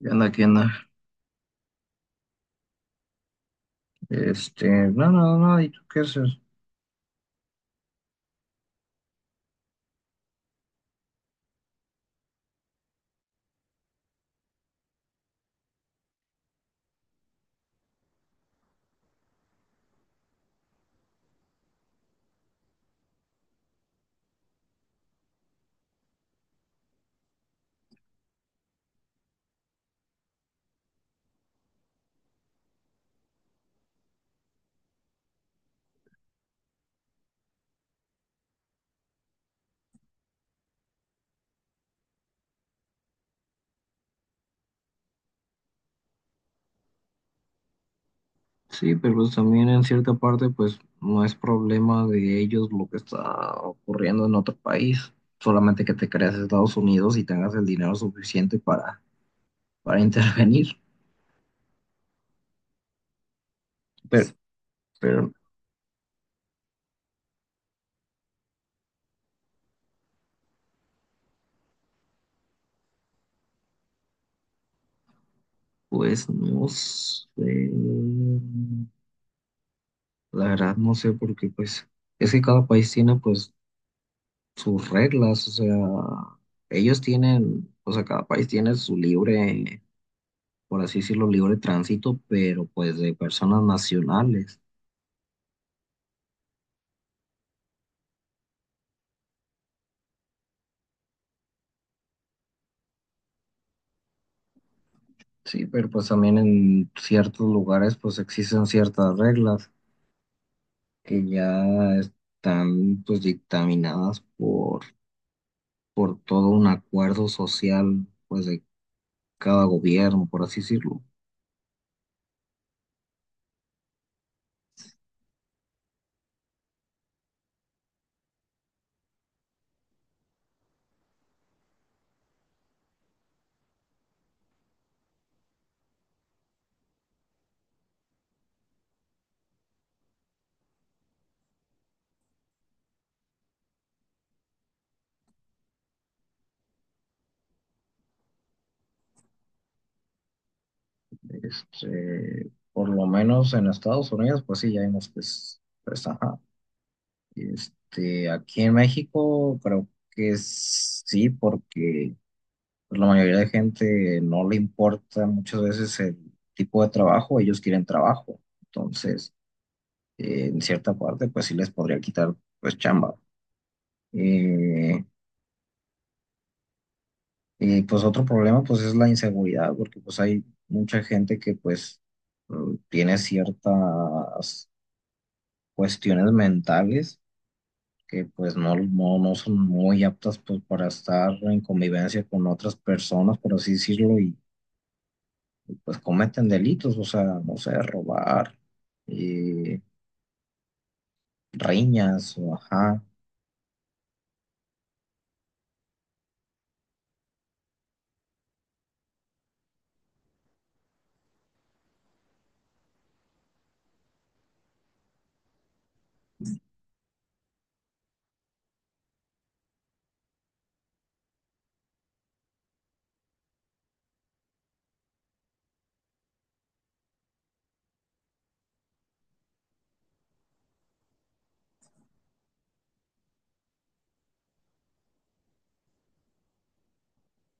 ¿Qué onda? ¿Qué onda? No, no, no, ¿y tú qué haces? Sí, pero pues también en cierta parte, pues no es problema de ellos lo que está ocurriendo en otro país, solamente que te creas Estados Unidos y tengas el dinero suficiente para intervenir. Pero, pero, pues no sé, la verdad no sé, porque pues es que cada país tiene pues sus reglas, o sea, ellos tienen, o sea, cada país tiene su libre. Por así decirlo, libre de tránsito, pero pues de personas nacionales. Sí, pero pues también en ciertos lugares pues existen ciertas reglas que ya están pues dictaminadas por todo un acuerdo social pues de cada gobierno, por así decirlo. Por lo menos en Estados Unidos pues sí, ya hay unos pues, ajá. Aquí en México creo que sí, porque la mayoría de gente no le importa muchas veces el tipo de trabajo, ellos quieren trabajo. Entonces, en cierta parte, pues sí les podría quitar, pues, chamba. Eh, y pues otro problema, pues, es la inseguridad, porque pues hay mucha gente que, pues, tiene ciertas cuestiones mentales que, pues, no son muy aptas, pues, para estar en convivencia con otras personas, por así decirlo, pues cometen delitos, o sea, no sé, robar, eh, riñas, o ajá,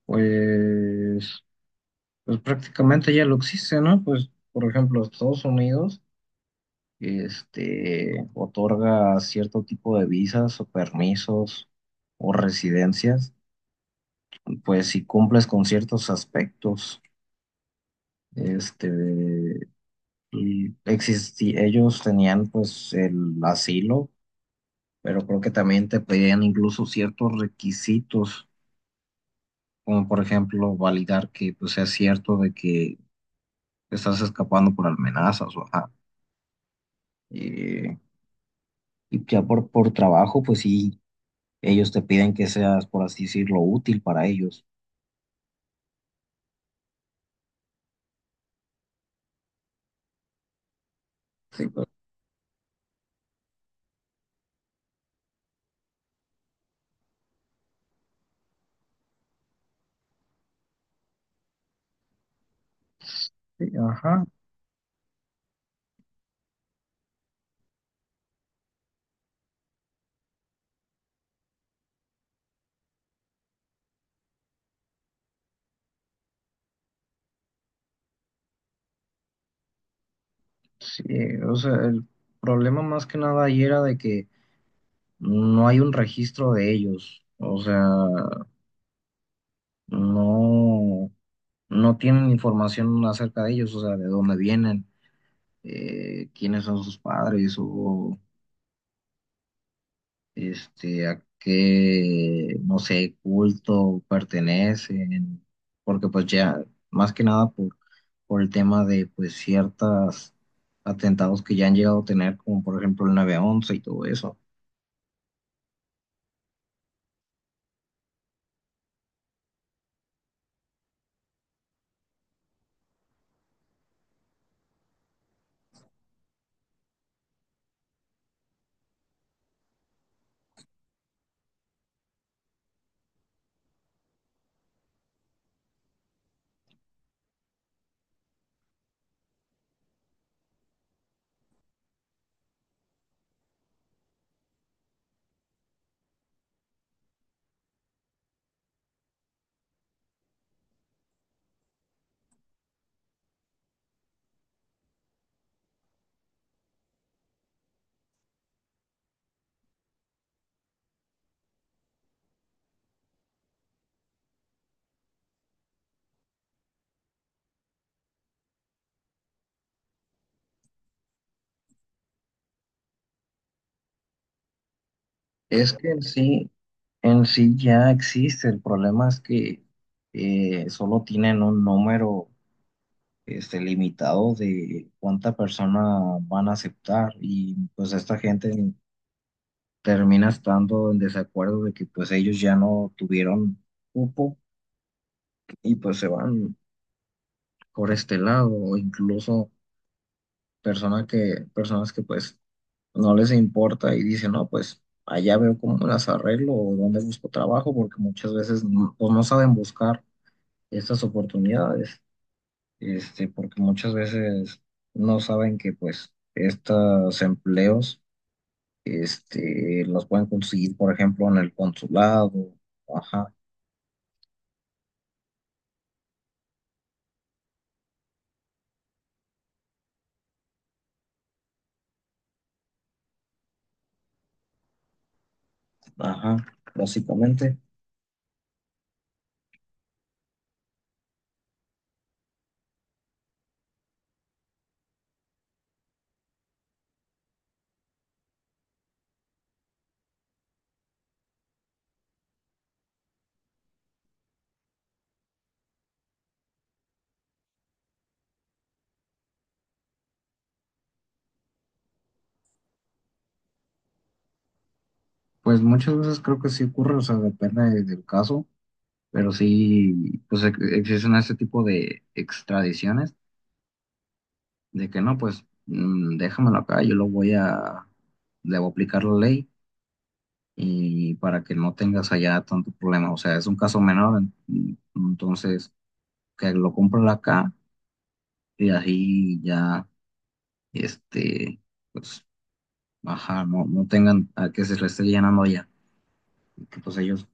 pues, pues prácticamente ya lo existe, ¿no? Pues, por ejemplo, Estados Unidos, otorga cierto tipo de visas o permisos o residencias, pues si cumples con ciertos aspectos, este, ellos tenían pues el asilo, pero creo que también te pedían incluso ciertos requisitos, como por ejemplo validar que pues sea cierto de que estás escapando por amenazas o ajá. Eh, y ya por trabajo, pues sí, ellos te piden que seas, por así decirlo, útil para ellos. Sí, pues, sí, ajá, sí, o sea, el problema más que nada ahí era de que no hay un registro de ellos, o sea, no, no tienen información acerca de ellos, o sea, de dónde vienen, quiénes son sus padres o este, a qué, no sé, culto pertenecen, porque pues ya, más que nada por el tema de pues ciertos atentados que ya han llegado a tener, como por ejemplo el 9/11 y todo eso. Es que en sí ya existe, el problema es que solo tienen un número este, limitado de cuánta persona van a aceptar y pues esta gente termina estando en desacuerdo de que pues ellos ya no tuvieron cupo y pues se van por este lado o incluso personas que pues no les importa y dicen, no, pues allá veo cómo las arreglo o dónde busco trabajo porque muchas veces no, pues, no saben buscar estas oportunidades, este, porque muchas veces no saben que pues estos empleos este, los pueden conseguir, por ejemplo, en el consulado. Ajá. Ajá, básicamente. Pues muchas veces creo que sí ocurre, o sea, depende de- del caso, pero sí, existen ese tipo de extradiciones de que no, pues déjamelo acá, yo lo voy a, le voy a aplicar la ley y para que no tengas allá tanto problema, o sea, es un caso menor, entonces que lo compren acá y así ya, este, pues, ajá, no, no tengan a que se le esté llenando allá, que pues ellos,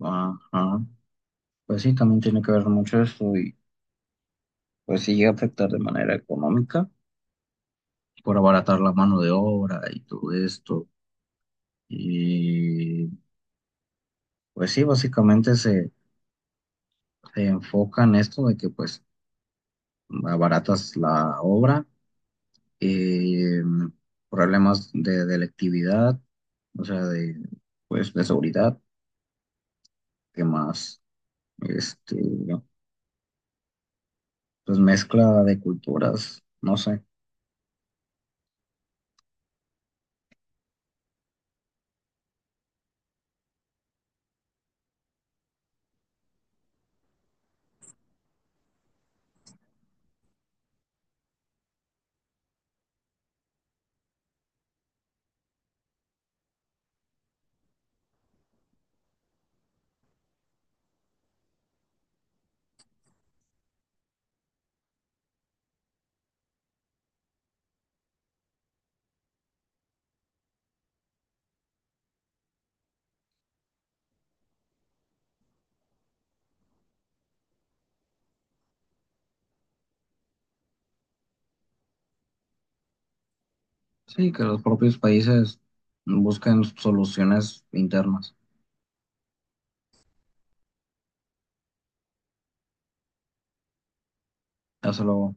ajá. Pues sí, también tiene que ver mucho eso y pues sí llega a afectar de manera económica por abaratar la mano de obra y todo esto. Y pues sí, básicamente se, se enfoca en esto de que pues abaratas la obra, eh, problemas de delictividad, o sea, de pues de seguridad, que más, este, pues mezcla de culturas, no sé. Sí, que los propios países buscan soluciones internas. Hasta luego.